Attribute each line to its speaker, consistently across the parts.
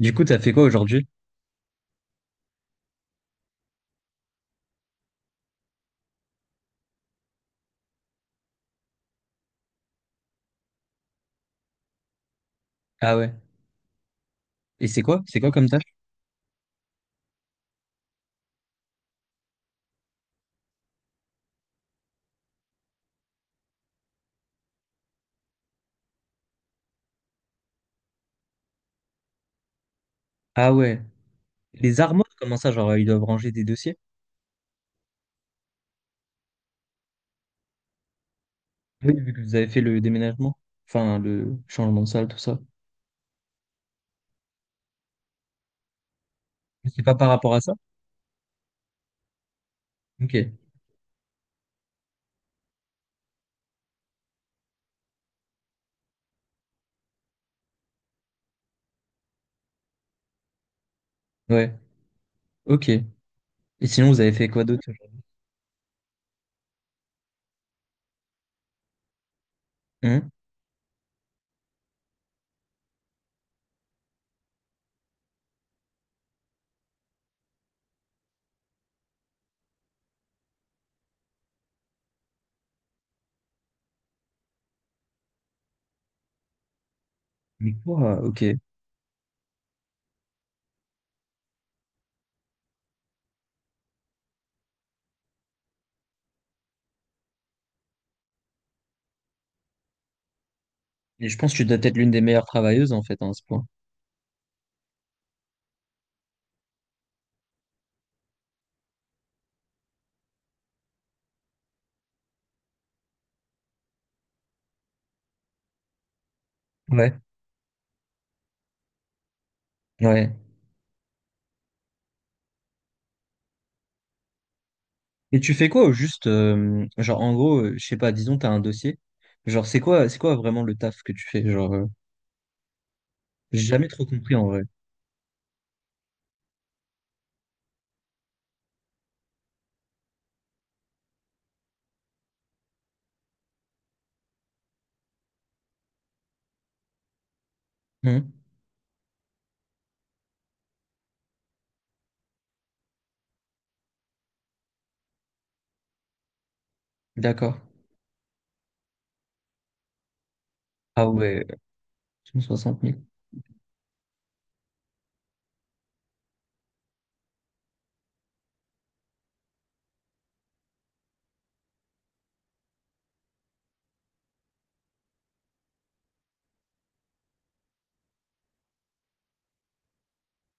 Speaker 1: Du coup, t'as fait quoi aujourd'hui? Ah ouais. Et c'est quoi? C'est quoi comme tâche? Ah ouais. Les armoires, comment ça? Genre, ils doivent ranger des dossiers? Oui, vu que vous avez fait le déménagement. Enfin, le changement de salle, tout ça. Mais c'est pas par rapport à ça? Ok. Ouais. Ok. Et sinon, vous avez fait quoi d'autre aujourd'hui? Hein? Mais quoi? Ok. Et je pense que tu dois être l'une des meilleures travailleuses, en fait, hein, à ce point. Ouais. Ouais. Et tu fais quoi au juste? Genre, en gros, je sais pas, disons, t'as un dossier. Genre, c'est quoi vraiment le taf que tu fais? J'ai jamais trop compris, en vrai. Hum. D'accord. Ah ouais, 160 000.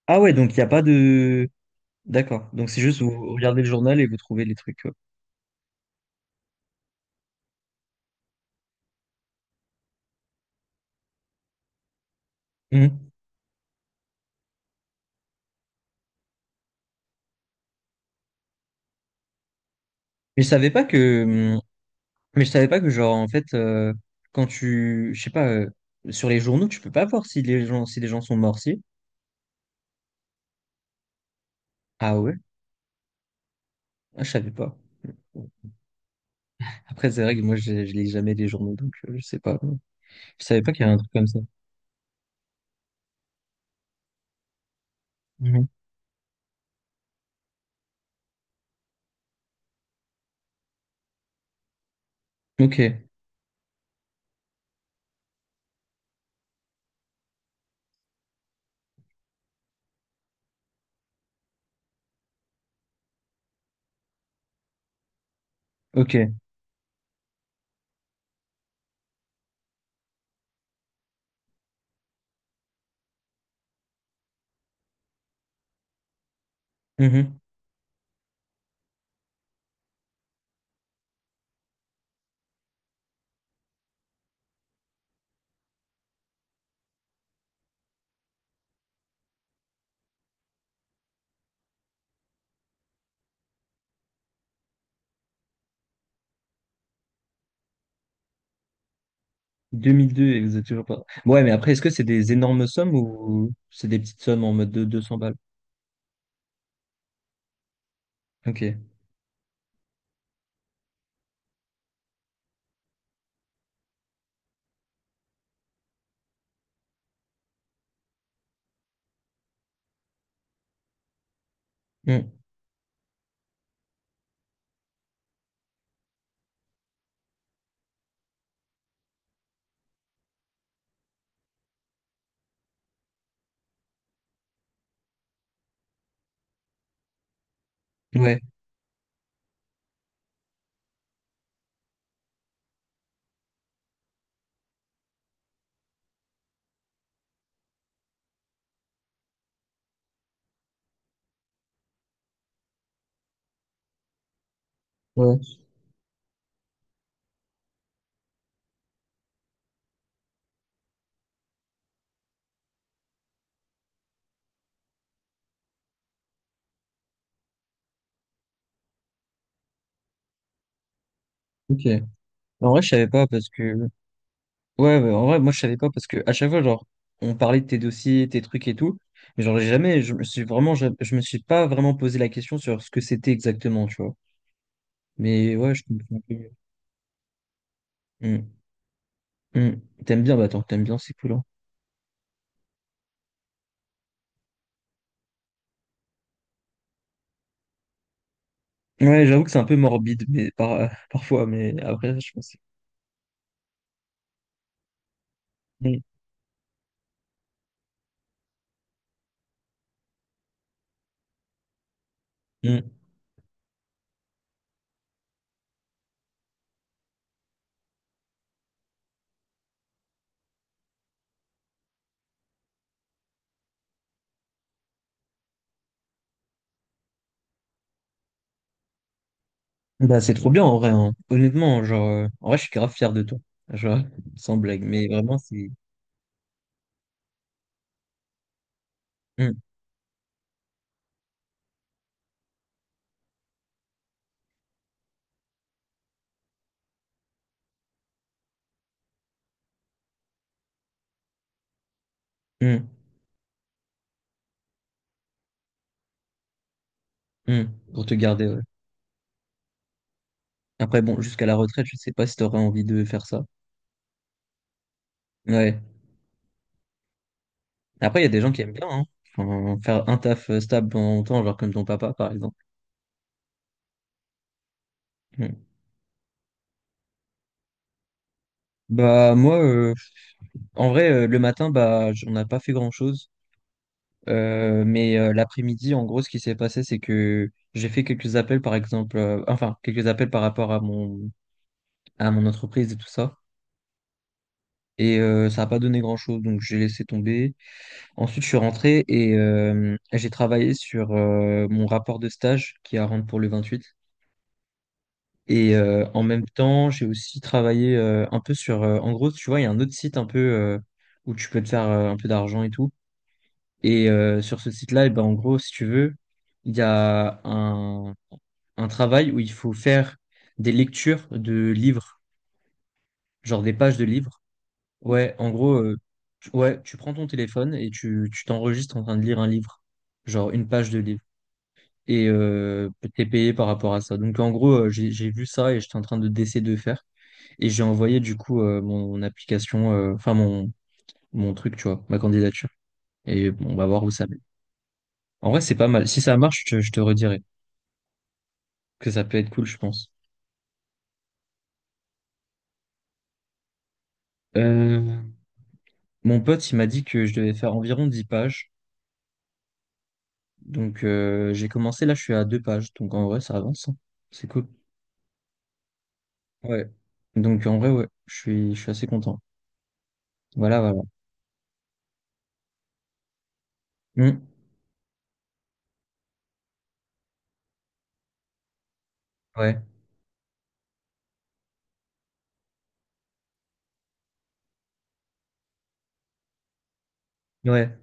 Speaker 1: Ah ouais, donc il n'y a pas de... D'accord. Donc c'est juste vous regardez le journal et vous trouvez les trucs, quoi. Mhm. Mais je savais pas que... Hum. Mais je savais pas que genre en fait, quand tu... Je sais pas, sur les journaux, tu peux pas voir si les gens, si les gens sont morts, si. Ah ouais? Ah, je savais pas. Après, c'est vrai que moi, je lis jamais les journaux, donc je sais pas. Je savais pas qu'il y avait un truc comme ça. Mhm. Ok, ok. Mhm. 2002, et vous êtes toujours pas... Ouais, mais après, est-ce que c'est des énormes sommes ou c'est des petites sommes en mode de 200 balles? Ok. Mm. Ouais. Ouais. Ok. En vrai, je savais pas parce que. Ouais, ouais, en vrai, moi, je savais pas parce que à chaque fois, genre, on parlait de tes dossiers, tes trucs et tout. Mais genre, j'ai jamais, je me suis vraiment, je me suis pas vraiment posé la question sur ce que c'était exactement, tu vois. Mais ouais, je comprends un peu mieux. Mm. Mm. T'aimes bien, bah, tant t'aimes bien, c'est cool, hein. Ouais, j'avoue que c'est un peu morbide, mais parfois, mais après, je pense. Mm. Mm. Bah, c'est trop bien, en vrai, hein. Honnêtement, genre, en vrai, je suis grave fier de toi. Genre, sans blague, mais vraiment, c'est. Mm. Mm. Hmm, pour te garder, ouais. Après, bon, jusqu'à la retraite, je sais pas si t'aurais envie de faire ça. Ouais. Après, il y a des gens qui aiment bien, hein. Enfin, faire un taf stable pendant longtemps, genre comme ton papa, par exemple. Hmm. Bah, moi, en vrai, le matin, bah, on n'a pas fait grand-chose. Mais l'après-midi, en gros, ce qui s'est passé, c'est que j'ai fait quelques appels, par exemple, enfin, quelques appels par rapport à à mon entreprise et tout ça. Et ça n'a pas donné grand-chose, donc j'ai laissé tomber. Ensuite, je suis rentré et j'ai travaillé sur mon rapport de stage qui est à rendre pour le 28. Et en même temps, j'ai aussi travaillé un peu sur... en gros, tu vois, il y a un autre site un peu où tu peux te faire un peu d'argent et tout. Et sur ce site-là, eh ben, en gros, si tu veux, il y a un travail où il faut faire des lectures de livres, genre des pages de livres. Ouais, en gros, ouais, tu prends ton téléphone et tu t'enregistres en train de lire un livre, genre une page de livre. Et t'es payé par rapport à ça. Donc en gros, j'ai vu ça et j'étais en train de d'essayer de le faire et j'ai envoyé du coup mon application, enfin mon truc, tu vois, ma candidature. Et bon, on va voir où ça mène. En vrai, c'est pas mal. Si ça marche, je te redirai que ça peut être cool, je pense. Euh, Mon pote, il m'a dit que je devais faire environ 10 pages. Donc j'ai commencé là, je suis à 2 pages. Donc en vrai, ça avance, hein. C'est cool. Ouais. Donc en vrai, ouais, je suis assez content. Voilà, voilà. Hmm. Ouais. Ouais.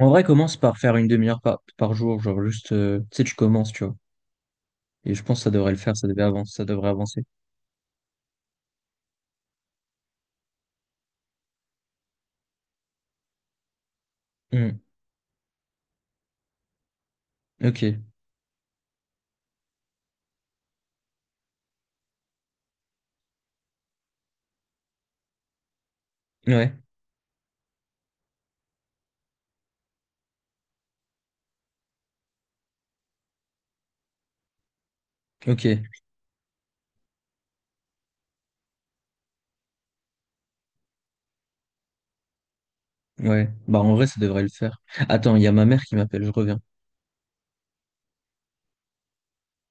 Speaker 1: En vrai, commence par faire une demi-heure par jour, genre juste, tu sais, tu commences, tu vois. Et je pense que ça devrait le faire, ça devait avancer, ça devrait avancer. Hmm, ok, ouais, ok, ouais. Bah en vrai, ça devrait le faire. Attends, il y a ma mère qui m'appelle, je reviens.